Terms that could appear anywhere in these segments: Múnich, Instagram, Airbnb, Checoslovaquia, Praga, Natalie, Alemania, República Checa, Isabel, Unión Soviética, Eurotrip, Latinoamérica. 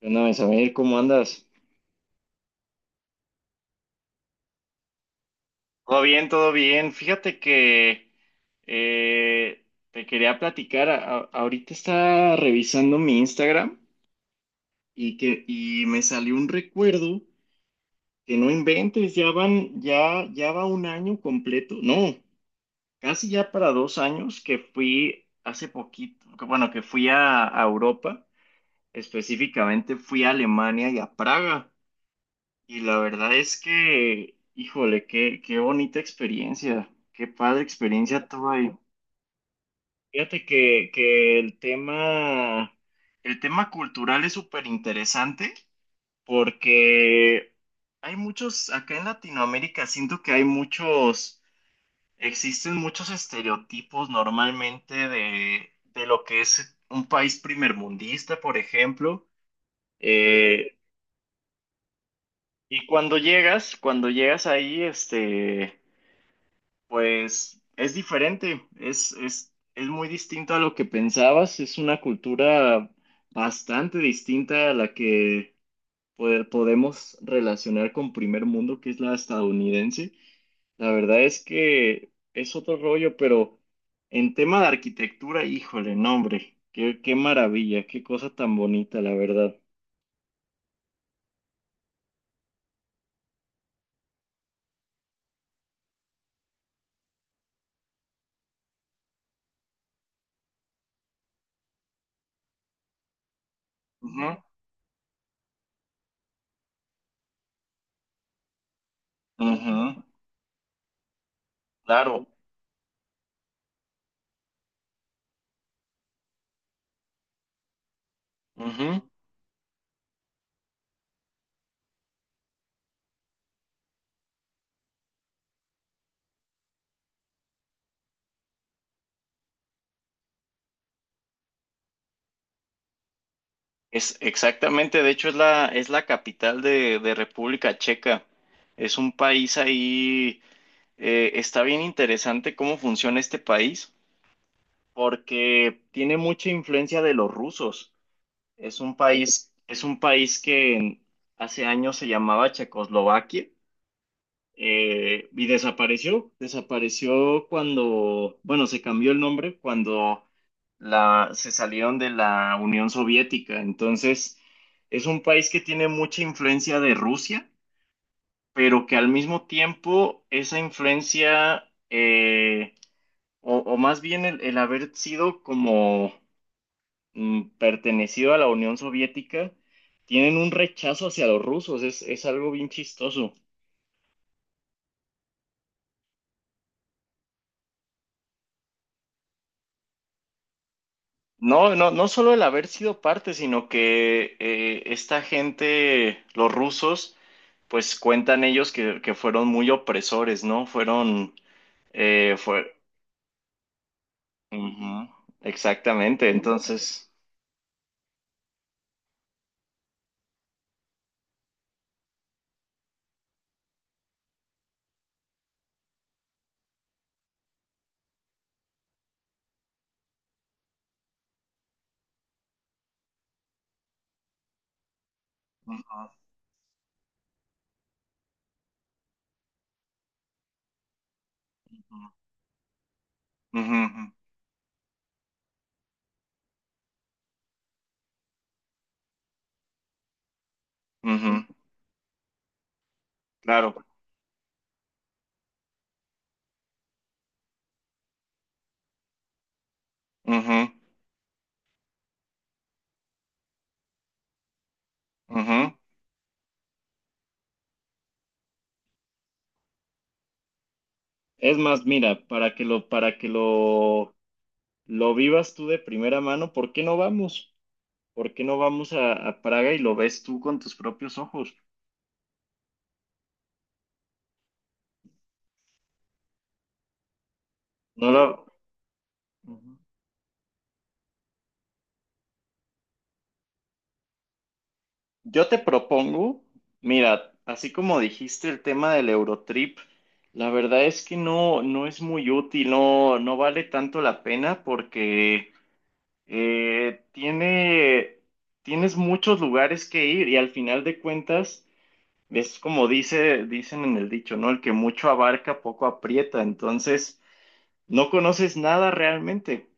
Bueno, Isabel, ¿cómo andas? Todo bien, todo bien. Fíjate que te quería platicar. Ahorita estaba revisando mi Instagram y que y me salió un recuerdo que no inventes, ya van, ya va un año completo. No, casi ya para dos años que fui hace poquito, que, bueno, que fui a Europa. Específicamente fui a Alemania y a Praga. Y la verdad es que, híjole, qué bonita experiencia, qué padre experiencia tuve ahí. Fíjate que el tema cultural es súper interesante porque acá en Latinoamérica siento que hay muchos, existen muchos estereotipos normalmente de lo que es un país primermundista, por ejemplo. Eh, y cuando llegas ahí, Pues es diferente, es muy distinto a lo que pensabas, es una cultura bastante distinta a la que podemos relacionar con primer mundo, que es la estadounidense. La verdad es que es otro rollo, pero en tema de arquitectura, híjole, no, hombre, qué maravilla, qué cosa tan bonita, la verdad. Ujú, ujú, claro. Es exactamente, de hecho es es la capital de República Checa. Es un país ahí, está bien interesante cómo funciona este país, porque tiene mucha influencia de los rusos. Es un país hace años se llamaba Checoslovaquia. Y desapareció, desapareció cuando, bueno, se cambió el nombre cuando se salieron de la Unión Soviética. Entonces, es un país que tiene mucha influencia de Rusia, pero que al mismo tiempo esa influencia, o más bien el haber sido como pertenecido a la Unión Soviética, tienen un rechazo hacia los rusos. Es algo bien chistoso. No, no, no solo el haber sido parte, sino que esta gente, los rusos, pues cuentan ellos que fueron muy opresores, ¿no? Fueron, fue, ujú, exactamente, entonces, ujú, ujú, ujú, ujú, claro, ujú, ujú. Es más, mira, lo vivas tú de primera mano, ¿por qué no vamos? ¿Por qué no vamos a Praga y lo ves tú con tus propios ojos? No lo... Ujú. Yo te propongo, mira, así como dijiste el tema del Eurotrip, la verdad es que no, no es muy útil, no, no vale tanto la pena porque tiene, tienes muchos lugares que ir y al final de cuentas es como dice, dicen en el dicho, ¿no? El que mucho abarca, poco aprieta, entonces no conoces nada realmente.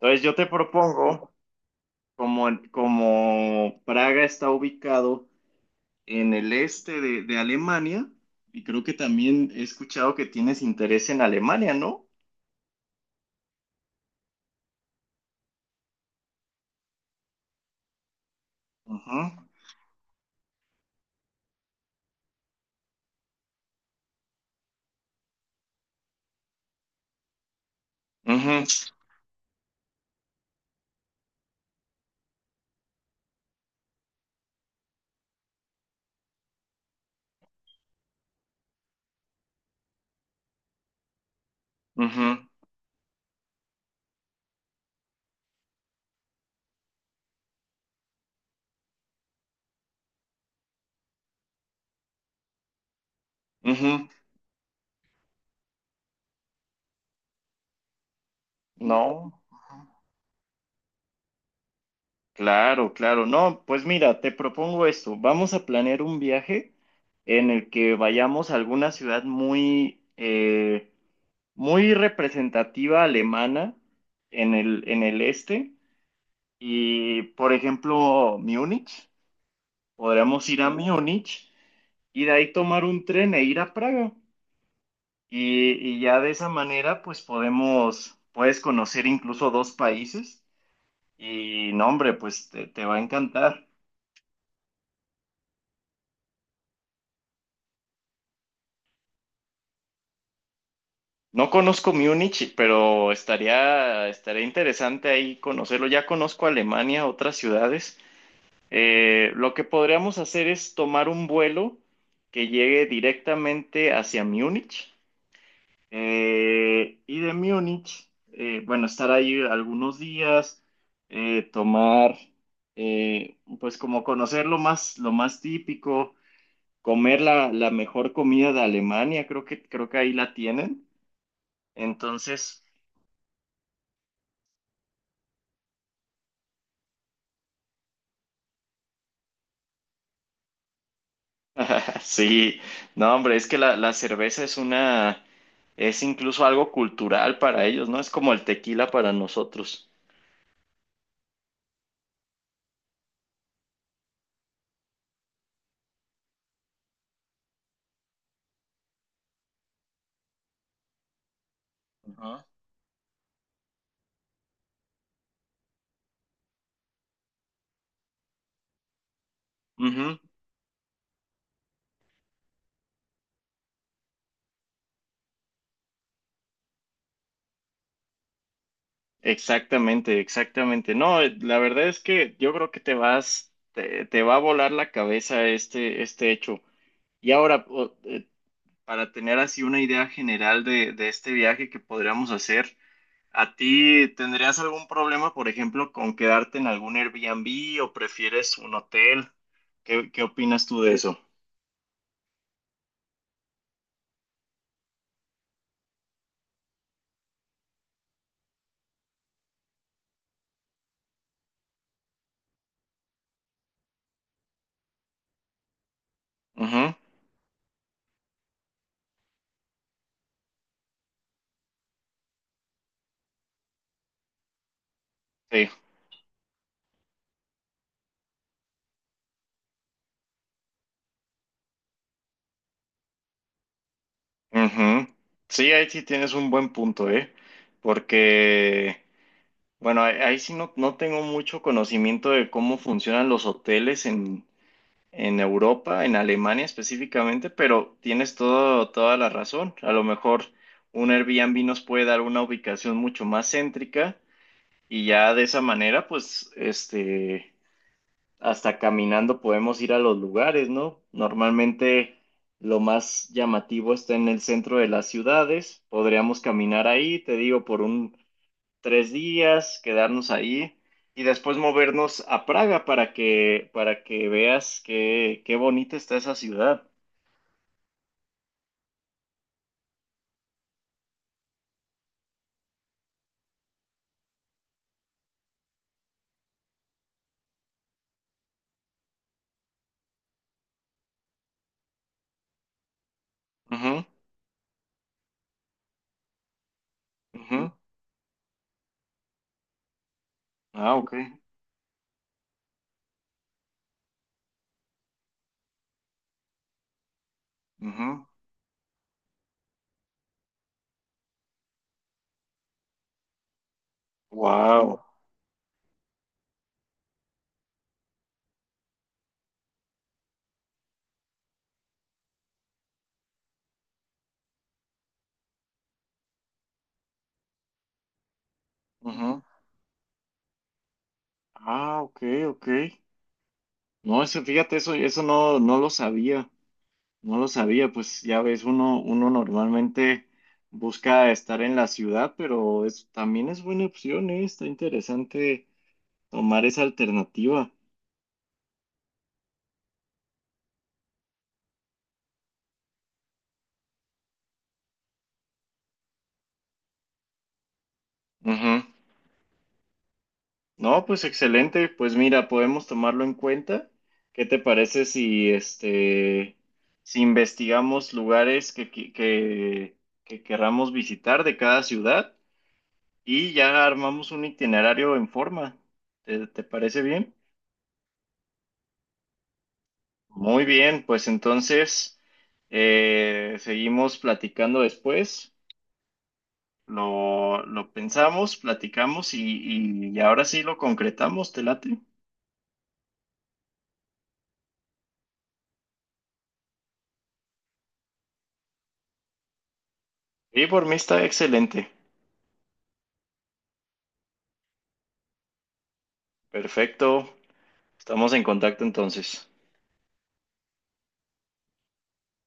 Entonces yo te propongo, como Praga está ubicado en el este de Alemania y creo que también he escuchado que tienes interés en Alemania, ¿no? Ujú, ujú, ujú, ujú. No, claro, claro. No, pues mira, te propongo esto. Vamos a planear un viaje en el que vayamos a alguna ciudad muy, muy representativa alemana en el este. Y, por ejemplo, Múnich. Podríamos ir a Múnich y de ahí tomar un tren e ir a Praga. Y ya de esa manera, pues podemos, puedes conocer incluso dos países y no, hombre, pues te va a encantar. No conozco Múnich, pero estaría, estaría interesante ahí conocerlo. Ya conozco Alemania, otras ciudades. Lo que podríamos hacer es tomar un vuelo que llegue directamente hacia Múnich. Y de Múnich, bueno, estar ahí algunos días, eh, tomar, pues como conocer lo más típico, comer la mejor comida de Alemania, creo creo que ahí la tienen. Entonces, sí, no, hombre, es que la cerveza es una, es incluso algo cultural para ellos, ¿no? Es como el tequila para nosotros. Ajá. Ujú. Exactamente, exactamente. No, la verdad es que yo creo que te vas, te va a volar la cabeza este, este hecho. Y ahora, para tener así una idea general de este viaje que podríamos hacer, ¿a ti tendrías algún problema, por ejemplo, con quedarte en algún Airbnb o prefieres un hotel? ¿¿Qué qué opinas tú de eso? Ujú, sí, ujú. Sí, ahí sí tienes un buen punto, ¿eh? Porque... Bueno, ahí, ahí sí no, no tengo mucho conocimiento de cómo funcionan los hoteles en Europa, en Alemania específicamente, pero tienes todo, toda la razón. A lo mejor un Airbnb nos puede dar una ubicación mucho más céntrica y ya de esa manera, pues, hasta caminando podemos ir a los lugares, ¿no? Normalmente lo más llamativo está en el centro de las ciudades. Podríamos caminar ahí, te digo, por un tres días, quedarnos ahí y después movernos a Praga para que veas qué bonita está esa ciudad. Ujú, ujú. Ah, ok. Wow. Ah, ok, ok. No, eso, fíjate, eso no, no lo sabía. No lo sabía, pues ya ves, uno, uno normalmente busca estar en la ciudad, pero es, también es buena opción, ¿eh? Está interesante tomar esa alternativa. Ujú. No, pues excelente. Pues mira, podemos tomarlo en cuenta. ¿Qué te parece si si investigamos lugares que querramos visitar de cada ciudad y ya armamos un itinerario en forma? ¿Te, te parece bien? Muy bien, pues entonces seguimos platicando después. Lo pensamos, platicamos y, y ahora sí lo concretamos, ¿te late? Y por mí está excelente. Perfecto. Estamos en contacto entonces.